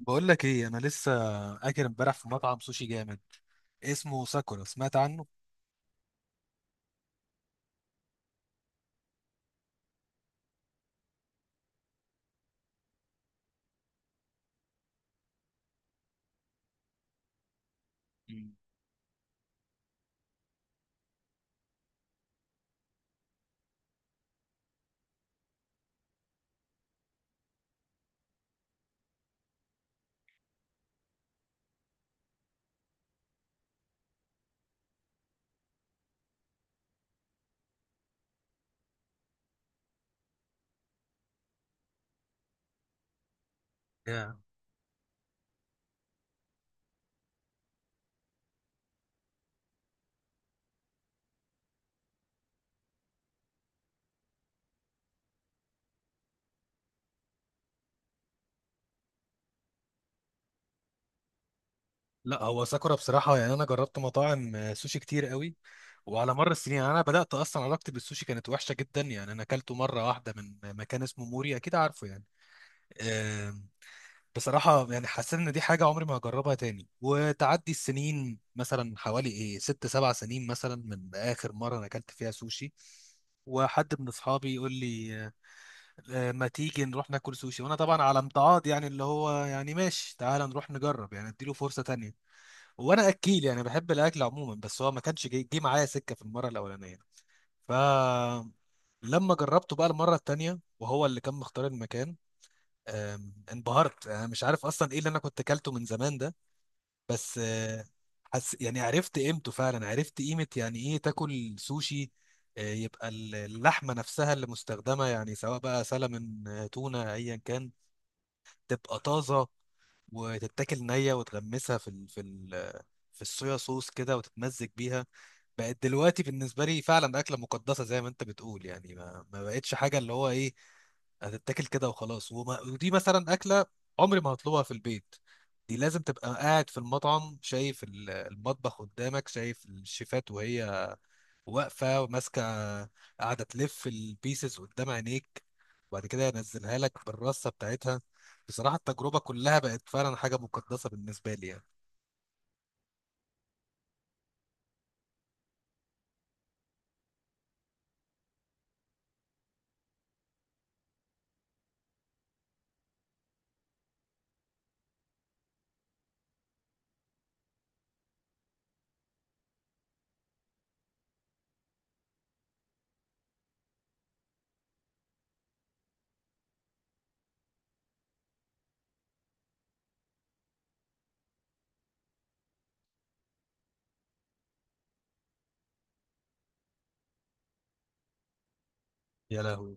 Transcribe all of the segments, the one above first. بقول لك ايه، انا لسه اكل امبارح في مطعم سوشي جامد اسمه ساكورا. سمعت عنه؟ يا لا، هو ساكورا بصراحه يعني انا جربت مطاعم سوشي كتير قوي وعلى مر السنين. يعني انا بدات، اصلا علاقتي بالسوشي كانت وحشه جدا، يعني انا اكلته مره واحده من مكان اسمه موري، اكيد عارفه يعني. آم، بصراحه يعني حسيت ان دي حاجه عمري ما هجربها تاني، وتعدي السنين مثلا حوالي ايه ست سبع سنين مثلا من اخر مره انا اكلت فيها سوشي. وحد من اصحابي يقول لي ما تيجي نروح ناكل سوشي، وانا طبعا على امتعاض يعني، اللي هو يعني ماشي تعال نروح نجرب يعني، اديله فرصة تانية. وانا اكيل يعني، بحب الاكل عموما، بس هو ما كانش جاي، جه معايا سكة في المرة الاولانية. ف لما جربته بقى المرة التانية وهو اللي كان مختار المكان، انبهرت. انا مش عارف اصلا ايه اللي انا كنت اكلته من زمان ده، بس حس يعني، عرفت قيمته فعلا، عرفت قيمة يعني ايه تاكل سوشي. يبقى اللحمة نفسها اللي مستخدمة يعني، سواء بقى سلمون تونة ايا كان، تبقى طازه وتتاكل نيه، وتغمسها في ال في ال في الصويا صوص كده وتتمزج بيها. بقت دلوقتي بالنسبه لي فعلا اكله مقدسه زي ما انت بتقول، يعني ما بقتش حاجه اللي هو ايه، هتتاكل كده وخلاص. وما ودي مثلا اكله عمري ما هطلبها في البيت. دي لازم تبقى قاعد في المطعم، شايف المطبخ قدامك، شايف الشيفات وهي واقفه وماسكه، قاعده تلف البيسز قدام عينيك، وبعد كده ينزلها لك بالرصه بتاعتها. بصراحه التجربه كلها بقت فعلا حاجه مقدسه بالنسبه لي يعني. يا لهوي،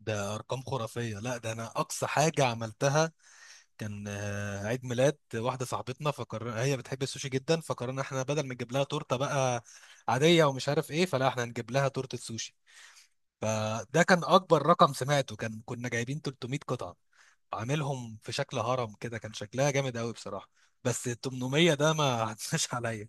ده ارقام خرافيه. لا، ده انا اقصى حاجه عملتها كان عيد ميلاد واحده صاحبتنا، فقرر، هي بتحب السوشي جدا، فقررنا احنا بدل ما نجيب لها تورته بقى عاديه ومش عارف ايه، فلا احنا هنجيب لها تورته سوشي. فده كان اكبر رقم سمعته، كان كنا جايبين 300 قطعه، عاملهم في شكل هرم كده، كان شكلها جامد قوي بصراحة. بس ال 800 ده ما عدناش عليا.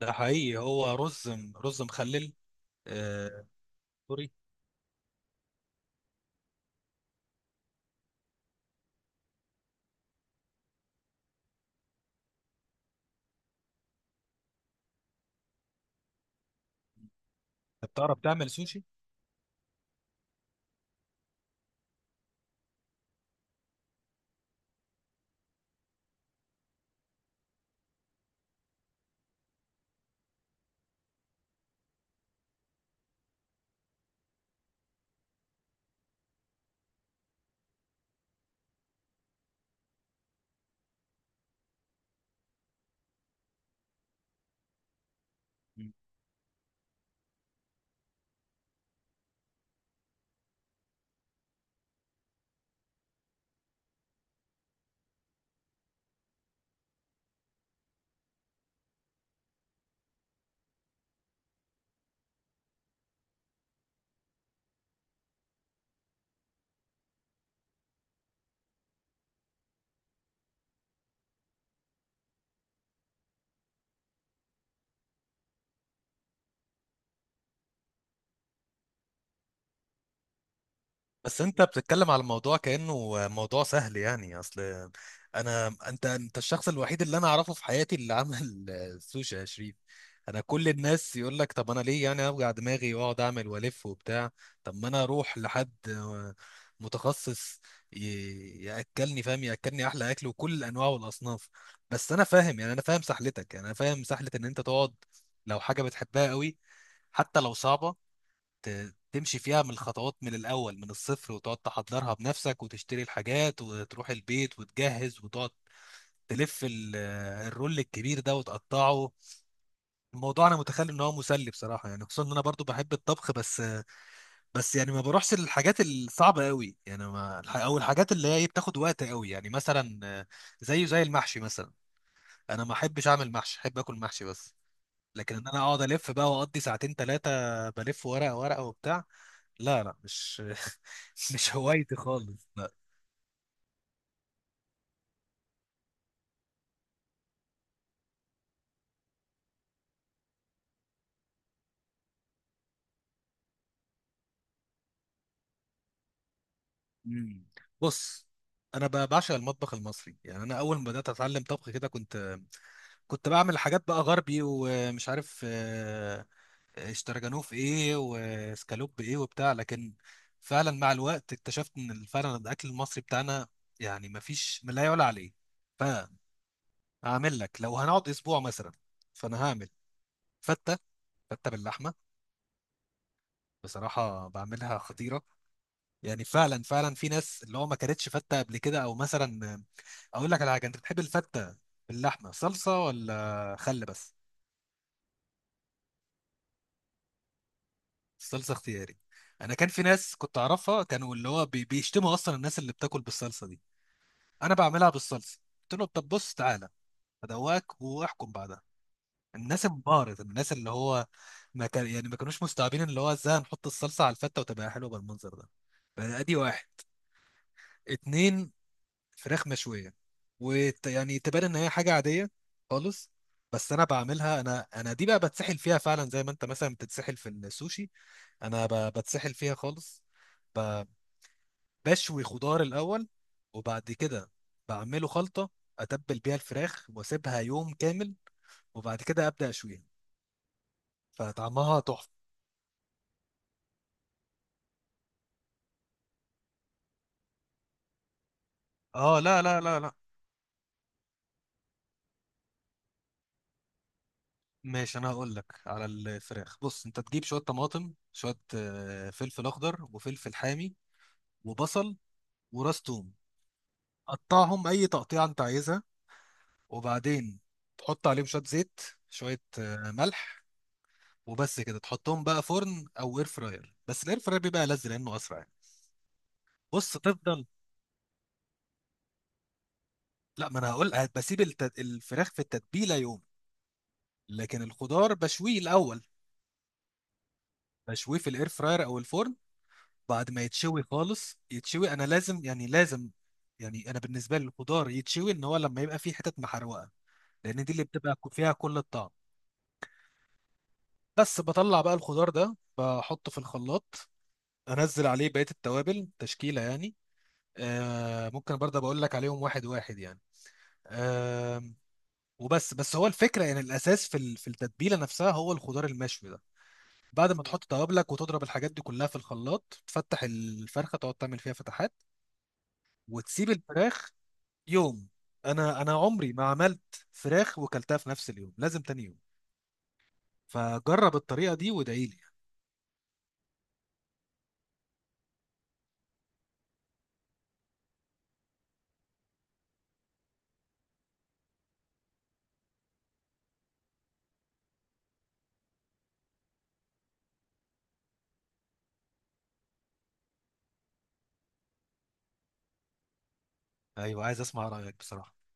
ده حقيقي، هو رز رز مخلل. آه، سوري. طب تعرف تعمل سوشي؟ بس انت بتتكلم على الموضوع كأنه موضوع سهل، يعني اصل انا، انت الشخص الوحيد اللي انا اعرفه في حياتي اللي عمل سوشي يا شريف. انا كل الناس يقول لك طب انا ليه يعني اوجع دماغي واقعد اعمل والف وبتاع؟ طب ما انا اروح لحد متخصص، ياكلني، فاهم، ياكلني احلى اكل وكل الانواع والاصناف. بس انا فاهم يعني، انا فاهم سحلتك، يعني انا فاهم سحلة ان انت تقعد، لو حاجة بتحبها قوي حتى لو صعبة، تمشي فيها من الخطوات من الأول من الصفر، وتقعد تحضرها بنفسك وتشتري الحاجات وتروح البيت وتجهز، وتقعد تلف الرول الكبير ده وتقطعه. الموضوع انا متخيل ان هو مسلي بصراحه يعني، خصوصا ان انا برضو بحب الطبخ. بس يعني ما بروحش للحاجات الصعبه قوي، يعني ما او الحاجات اللي هي بتاخد وقت قوي يعني، مثلا زيه زي المحشي مثلا. انا ما احبش اعمل محشي، احب اكل محشي بس. لكن ان انا اقعد الف بقى واقضي ساعتين ثلاثه بلف ورقه ورقه وبتاع، لا مش مش هوايتي خالص، لا. مم. بص، انا بعشق المطبخ المصري، يعني انا اول ما بدات اتعلم طبخ كده، كنت بعمل حاجات بقى غربي ومش عارف اشتراجانوف ايه وسكالوب ايه وبتاع، لكن فعلا مع الوقت اكتشفت ان فعلا الاكل المصري بتاعنا يعني ما فيش ما لا يعلى عليه. فهعمل لك، لو هنقعد اسبوع مثلا، فانا هعمل فته، فته باللحمه، بصراحه بعملها خطيره. يعني فعلا فعلا في ناس اللي هو ما كانتش فته قبل كده، او مثلا اقول لك على حاجه، انت بتحب الفته باللحمه صلصه ولا خل بس؟ الصلصه اختياري. انا كان في ناس كنت اعرفها كانوا اللي هو بيشتموا اصلا الناس اللي بتاكل بالصلصه دي. انا بعملها بالصلصه، قلت له طب بص تعالى ادواك واحكم بعدها. الناس انبهرت، الناس اللي هو ما كان يعني ما كانوش مستوعبين اللي هو ازاي هنحط الصلصه على الفته وتبقى حلوه بالمنظر ده. فادي واحد. اتنين، فراخ مشويه، ويعني تبان ان هي حاجه عاديه خالص، بس انا بعملها، انا دي بقى بتسحل فيها فعلا، زي ما انت مثلا بتتسحل في السوشي، انا بتسحل فيها خالص. ب- بشوي خضار الاول، وبعد كده بعمله خلطه، اتبل بيها الفراخ واسيبها يوم كامل، وبعد كده ابدا اشويها، فطعمها تحفه. اه، لا. ماشي، انا هقول لك على الفراخ. بص، انت تجيب شويه طماطم، شويه فلفل اخضر وفلفل حامي وبصل وراس توم، قطعهم اي تقطيعه انت عايزها. وبعدين تحط عليهم شويه زيت، شويه ملح، وبس كده تحطهم بقى فرن او اير فراير، بس الاير فراير بيبقى لذ لانه اسرع يعني. بص تفضل. لا ما انا هقول بسيب الفراخ في التتبيله يوم، لكن الخضار بشويه الاول، بشويه في الاير فراير او الفرن. بعد ما يتشوي خالص، يتشوي، انا لازم يعني لازم يعني، انا بالنسبه لي الخضار يتشوي ان هو لما يبقى فيه حتت محروقه، لان دي اللي بتبقى فيها كل الطعم. بس بطلع بقى الخضار ده بحطه في الخلاط، انزل عليه بقيه التوابل تشكيله يعني، آه، ممكن برضه بقول لك عليهم واحد واحد يعني، آه. وبس هو الفكره يعني، الاساس في التتبيله نفسها هو الخضار المشوي ده. بعد ما تحط توابلك وتضرب الحاجات دي كلها في الخلاط، تفتح الفرخه تقعد تعمل فيها فتحات، وتسيب الفراخ يوم. انا عمري ما عملت فراخ وكلتها في نفس اليوم، لازم تاني يوم. فجرب الطريقه دي وادعي لي. ايوه عايز اسمع رايك بصراحه.